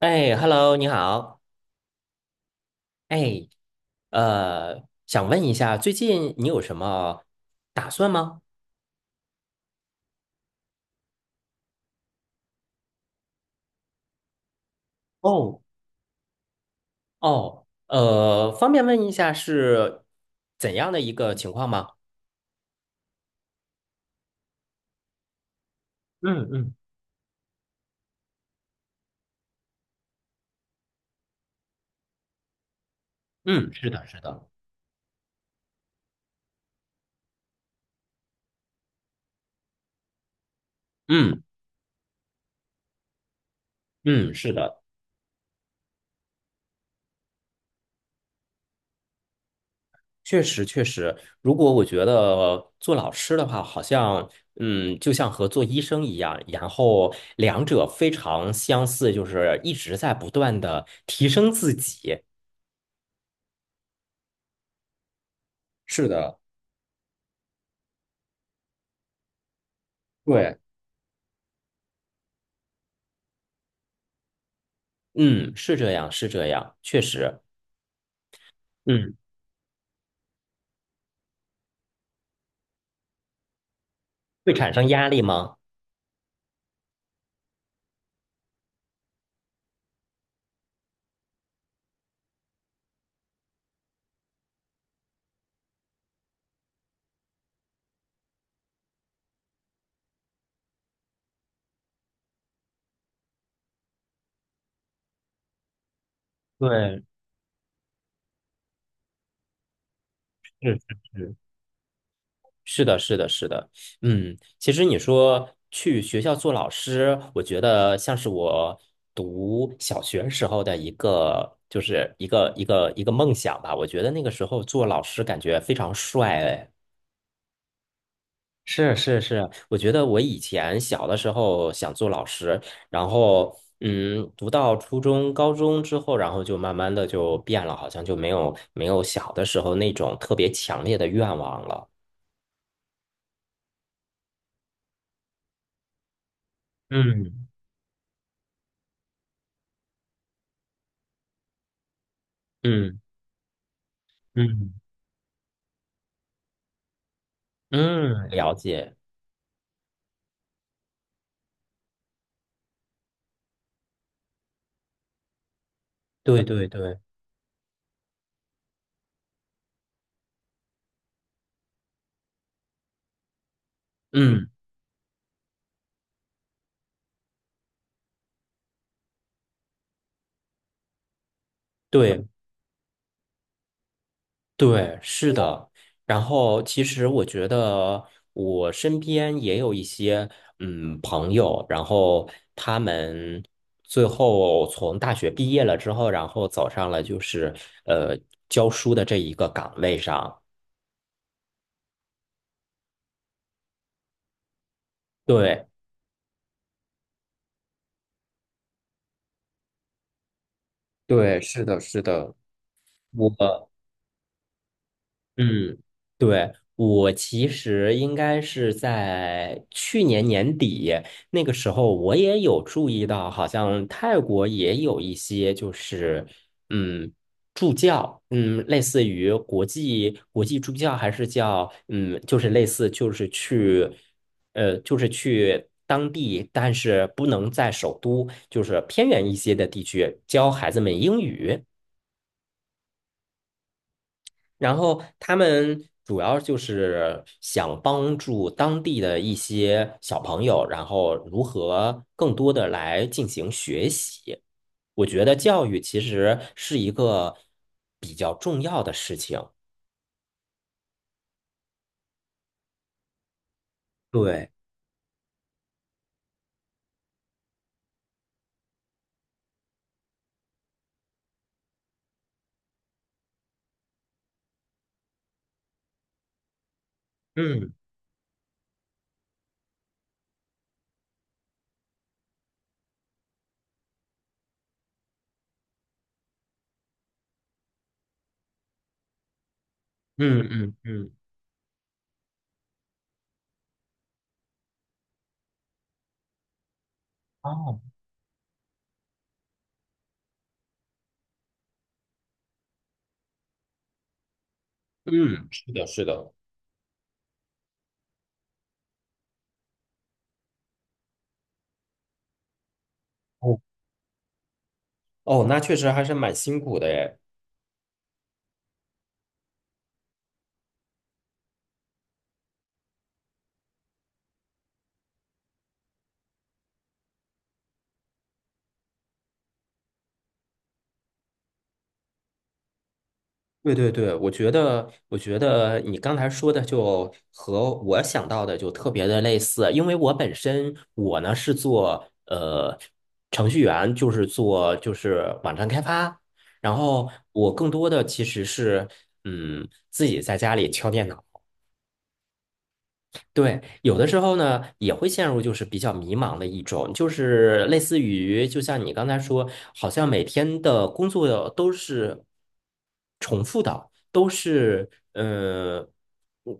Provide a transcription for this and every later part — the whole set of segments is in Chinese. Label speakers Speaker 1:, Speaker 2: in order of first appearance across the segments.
Speaker 1: 哎，Hello，你好。哎，想问一下，最近你有什么打算吗？哦哦，方便问一下是怎样的一个情况吗？嗯嗯嗯，是的，是的，嗯嗯，是的，确实确实。如果我觉得做老师的话，好像就像和做医生一样，然后两者非常相似，就是一直在不断的提升自己。对。嗯，是这样，是这样，确实，嗯，会产生压力吗？对，是是是，是的，是的，是的，其实你说去学校做老师，我觉得像是我读小学时候的一个，就是一个梦想吧。我觉得那个时候做老师感觉非常帅，哎是是是，我觉得我以前小的时候想做老师，然后读到初中、高中之后，然后就慢慢的就变了，好像就没有小的时候那种特别强烈的愿望了。嗯嗯嗯嗯，了解，对对对，嗯对。对，是的。然后，其实我觉得我身边也有一些朋友，然后他们最后从大学毕业了之后，然后走上了就是呃教书的这一个岗位上。对，对，是的，是的，我。嗯，对，我其实应该是在去年年底那个时候，我也有注意到，好像泰国也有一些就是嗯助教，类似于国际助教，还是叫就是类似就是去就是去当地，但是不能在首都，就是偏远一些的地区教孩子们英语。然后他们主要就是想帮助当地的一些小朋友，然后如何更多的来进行学习。我觉得教育其实是一个比较重要的事情。对，嗯嗯嗯嗯，哦，嗯，是的，是的。哦，哦，那确实还是蛮辛苦的诶。对对对，我觉得你刚才说的就和我想到的就特别的类似，因为我本身我呢是做程序员，就是做就是网站开发，然后我更多的其实是自己在家里敲电脑。对，有的时候呢也会陷入就是比较迷茫的一种，就是类似于就像你刚才说，好像每天的工作都是重复的，都是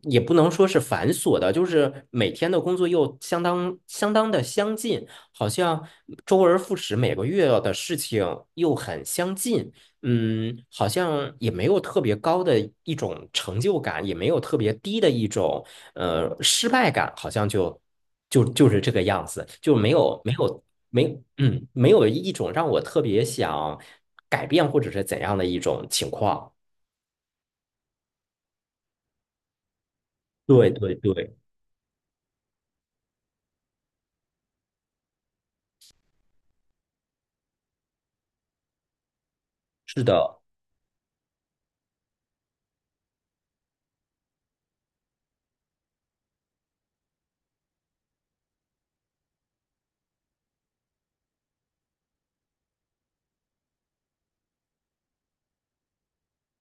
Speaker 1: 也不能说是繁琐的，就是每天的工作又相当相当的相近，好像周而复始，每个月的事情又很相近，好像也没有特别高的一种成就感，也没有特别低的一种失败感，好像就是这个样子，就没有一种让我特别想改变或者是怎样的一种情况。对对对，是的，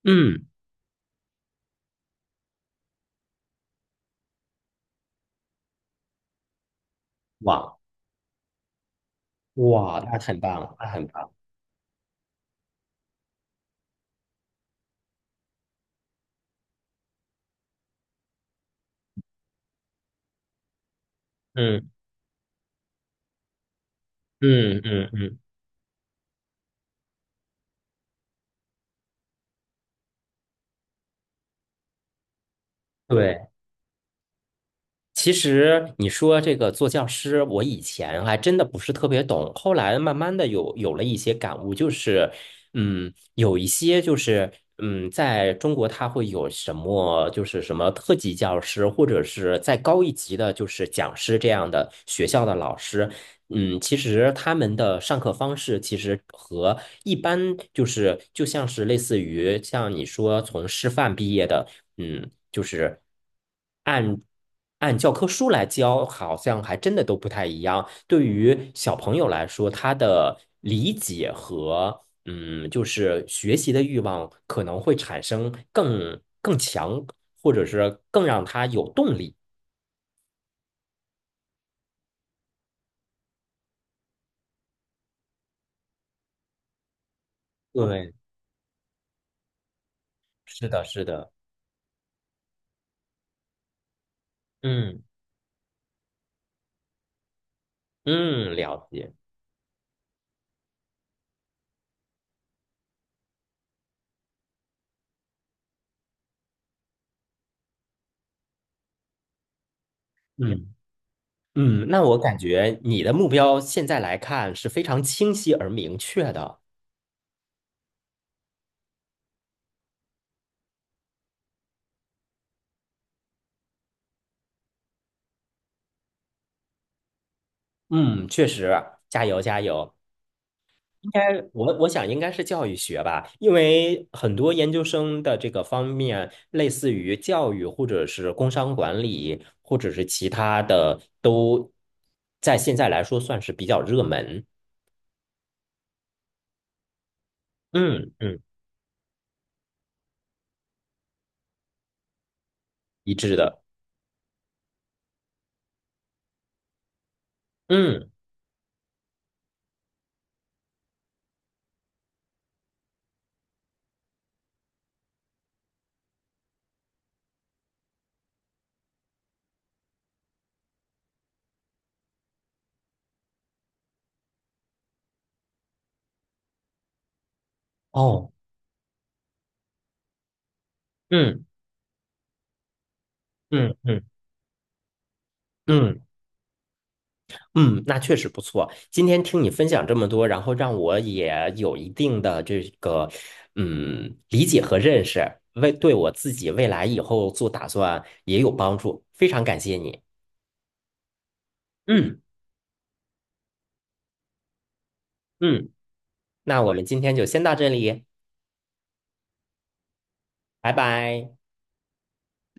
Speaker 1: 嗯，哇哇，那很棒，那很棒，嗯嗯嗯嗯，对。其实你说这个做教师，我以前还真的不是特别懂，后来慢慢的有了一些感悟，就是，有一些就是，在中国他会有什么，就是什么特级教师，或者是再高一级的，就是讲师这样的学校的老师，其实他们的上课方式其实和一般就是就像是类似于像你说从师范毕业的。就是按按教科书来教，好像还真的都不太一样。对于小朋友来说，他的理解和就是学习的欲望可能会产生更强，或者是更让他有动力。对，是的，是的，嗯嗯，了解，嗯嗯，那我感觉你的目标现在来看是非常清晰而明确的。嗯，确实，加油加油。应该我想应该是教育学吧，因为很多研究生的这个方面，类似于教育或者是工商管理，或者是其他的，都在现在来说算是比较热门。嗯嗯，一致的。嗯哦，嗯嗯嗯嗯嗯，那确实不错。今天听你分享这么多，然后让我也有一定的这个理解和认识，为对我自己未来以后做打算也有帮助。非常感谢你。嗯嗯，那我们今天就先到这里，拜拜。